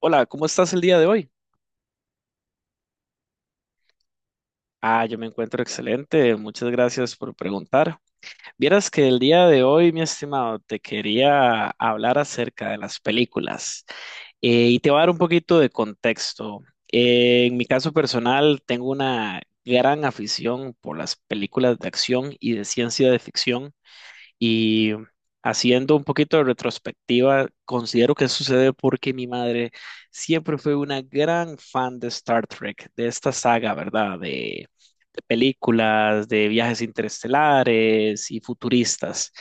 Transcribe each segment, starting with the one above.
Hola, ¿cómo estás el día de hoy? Ah, yo me encuentro excelente, muchas gracias por preguntar. Vieras que el día de hoy, mi estimado, te quería hablar acerca de las películas y te voy a dar un poquito de contexto. En mi caso personal, tengo una gran afición por las películas de acción y de ciencia de ficción. Y haciendo un poquito de retrospectiva, considero que sucede porque mi madre siempre fue una gran fan de Star Trek, de esta saga, ¿verdad? De películas, de viajes interestelares y futuristas.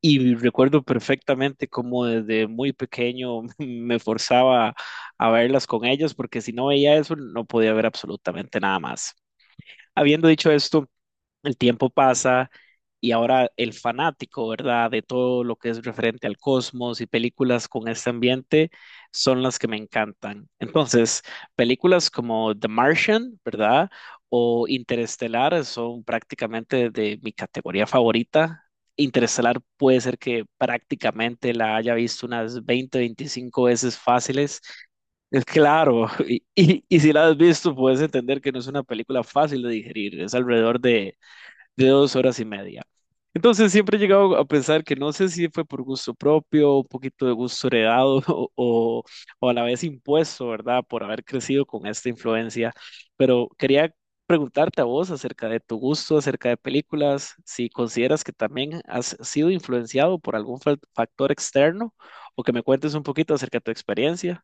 Y recuerdo perfectamente cómo desde muy pequeño me forzaba a verlas con ellos, porque si no veía eso, no podía ver absolutamente nada más. Habiendo dicho esto, el tiempo pasa y ahora el fanático, ¿verdad? De todo lo que es referente al cosmos y películas con este ambiente son las que me encantan. Entonces, películas como The Martian, ¿verdad? O Interestelar son prácticamente de mi categoría favorita. Interestelar puede ser que prácticamente la haya visto unas 20, 25 veces fáciles. Es claro, y si la has visto, puedes entender que no es una película fácil de digerir. Es alrededor de dos horas y media. Entonces siempre he llegado a pensar que no sé si fue por gusto propio, un poquito de gusto heredado o a la vez impuesto, ¿verdad? Por haber crecido con esta influencia. Pero quería preguntarte a vos acerca de tu gusto, acerca de películas, si consideras que también has sido influenciado por algún factor externo o que me cuentes un poquito acerca de tu experiencia.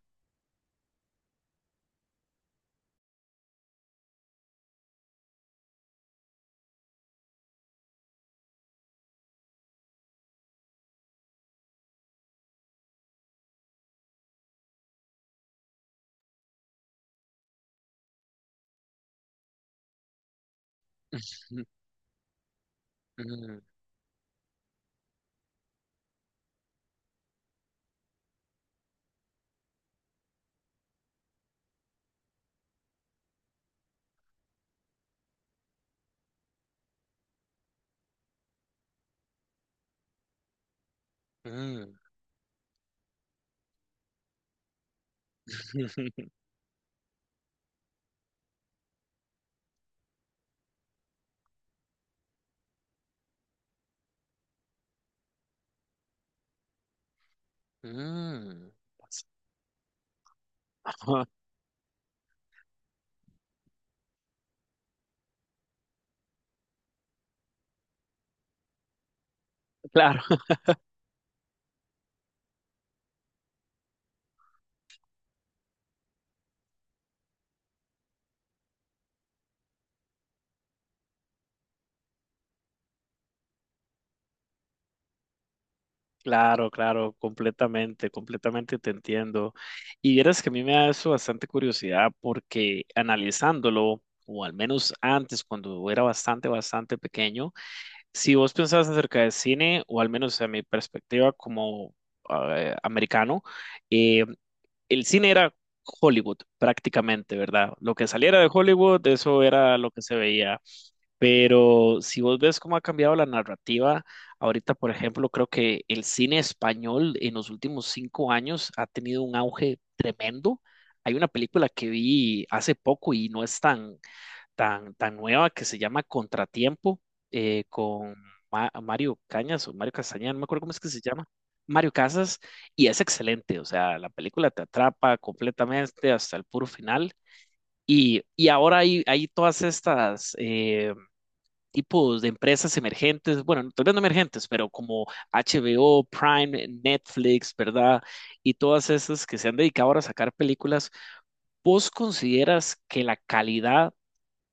Mm, mm, mm, mm. Ajá, claro. Claro, claro, completamente, completamente te entiendo. Y vieras que a mí me da eso bastante curiosidad porque analizándolo, o al menos antes, cuando era bastante, bastante pequeño, si vos pensabas acerca de cine, o al menos a mi perspectiva como americano, eh, el cine era Hollywood prácticamente, ¿verdad? Lo que saliera de Hollywood, eso era lo que se veía. Pero si vos ves cómo ha cambiado la narrativa, ahorita, por ejemplo, creo que el cine español en los últimos cinco años ha tenido un auge tremendo. Hay una película que vi hace poco y no es tan, tan, tan nueva que se llama Contratiempo con Mario Cañas o Mario Castañeda, no me acuerdo cómo es que se llama. Mario Casas, y es excelente, o sea, la película te atrapa completamente hasta el puro final. Y ahora hay, hay todas estas tipos de empresas emergentes, bueno, tal vez no emergentes, pero como HBO, Prime, Netflix, ¿verdad? Y todas esas que se han dedicado ahora a sacar películas, ¿vos consideras que la calidad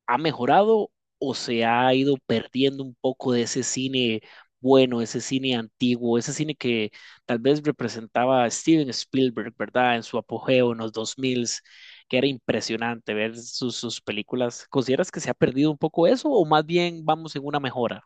ha mejorado o se ha ido perdiendo un poco de ese cine bueno, ese cine antiguo, ese cine que tal vez representaba a Steven Spielberg, ¿verdad? En su apogeo en los 2000, que era impresionante ver sus, sus películas. ¿Consideras que se ha perdido un poco eso o más bien vamos en una mejora?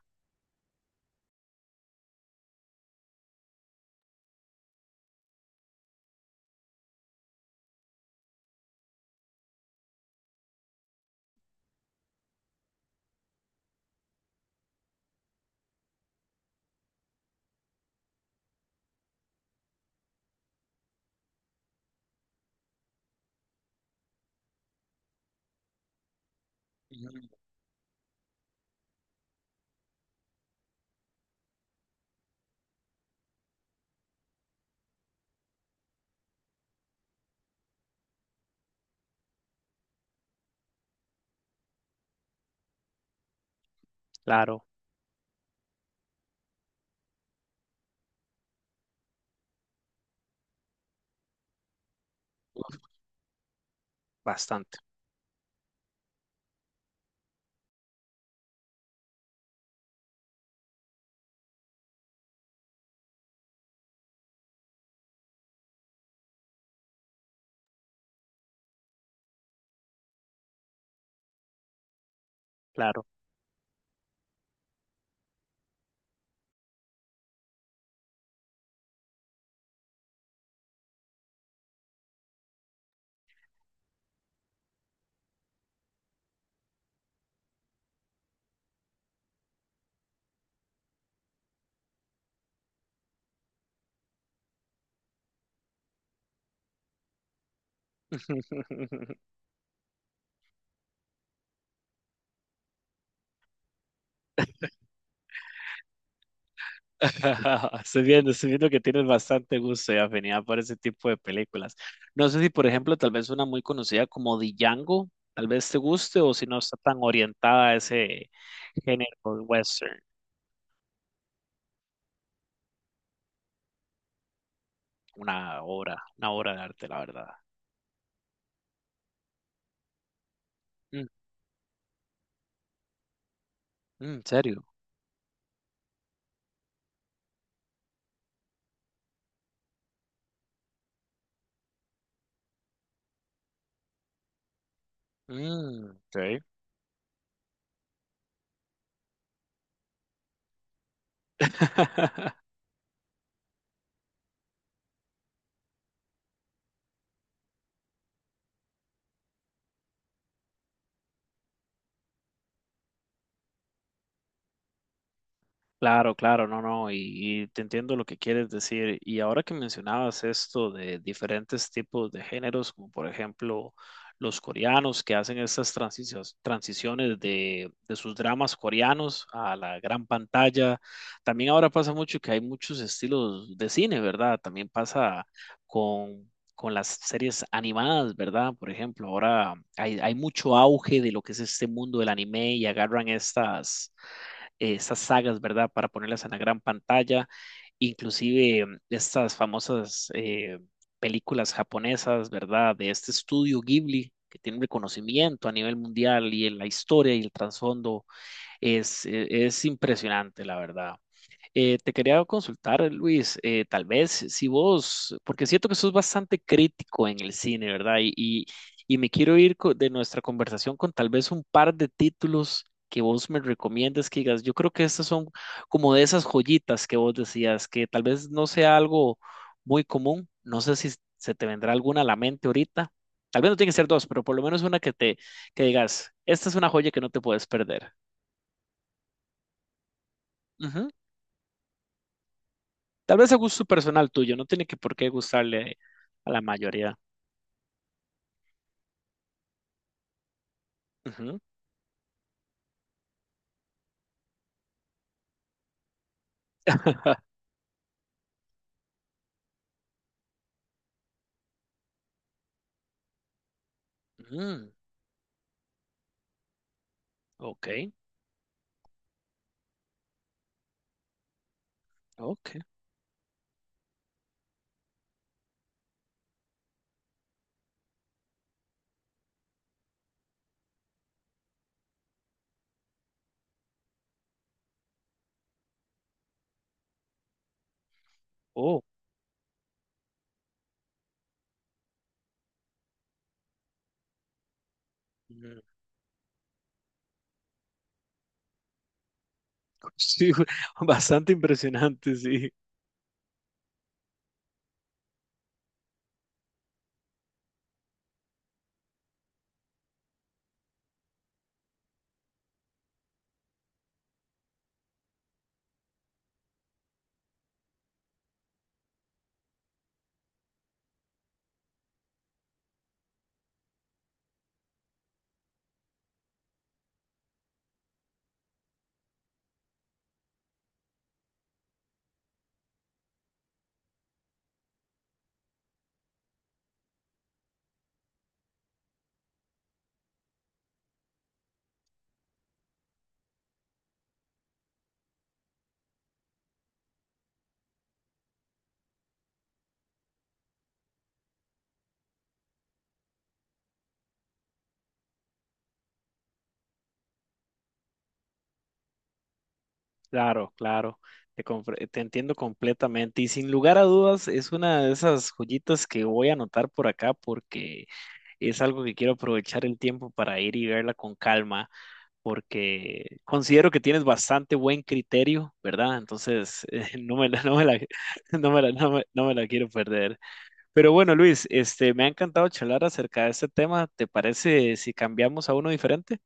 Ujú. Claro, bastante, claro. Estoy viendo que tienes bastante gusto y afinidad por ese tipo de películas. No sé si, por ejemplo, tal vez una muy conocida como Django, tal vez te guste o si no está tan orientada a ese género western. Una obra de arte, la verdad. Mm, mm, ¿en serio? Mm, ok. Claro, claro, no, no, y te entiendo lo que quieres decir. Y ahora que mencionabas esto de diferentes tipos de géneros, como por ejemplo los coreanos que hacen estas transiciones, transiciones de sus dramas coreanos a la gran pantalla, también ahora pasa mucho que hay muchos estilos de cine, ¿verdad? También pasa con, con las series animadas, ¿verdad? Por ejemplo, ahora hay mucho auge de lo que es este mundo del anime y agarran estas esas sagas, ¿verdad? Para ponerlas en la gran pantalla, inclusive estas famosas películas japonesas, ¿verdad? De este estudio Ghibli, que tiene un reconocimiento a nivel mundial y en la historia y el trasfondo es impresionante, la verdad. Te quería consultar, Luis, tal vez si vos, porque siento que sos bastante crítico en el cine, ¿verdad? Y me quiero ir de nuestra conversación con tal vez un par de títulos que vos me recomiendes que digas, yo creo que estas son como de esas joyitas que vos decías, que tal vez no sea algo muy común, no sé si se te vendrá alguna a la mente ahorita, tal vez no tiene que ser dos, pero por lo menos una que te, que digas, esta es una joya que no te puedes perder. Tal vez a gusto personal tuyo, no tiene que por qué gustarle a la mayoría. Ujú. Ja. Mm, ok, ok. Oh, mm, sí, bastante impresionante, sí. Claro, claro. Te, compre- te entiendo completamente. Y sin lugar a dudas, es una de esas joyitas que voy a anotar por acá porque es algo que quiero aprovechar el tiempo para ir y verla con calma. Porque considero que tienes bastante buen criterio, ¿verdad? Entonces, no me la quiero perder. Pero bueno, Luis, este, me ha encantado charlar acerca de este tema. ¿Te parece si cambiamos a uno diferente?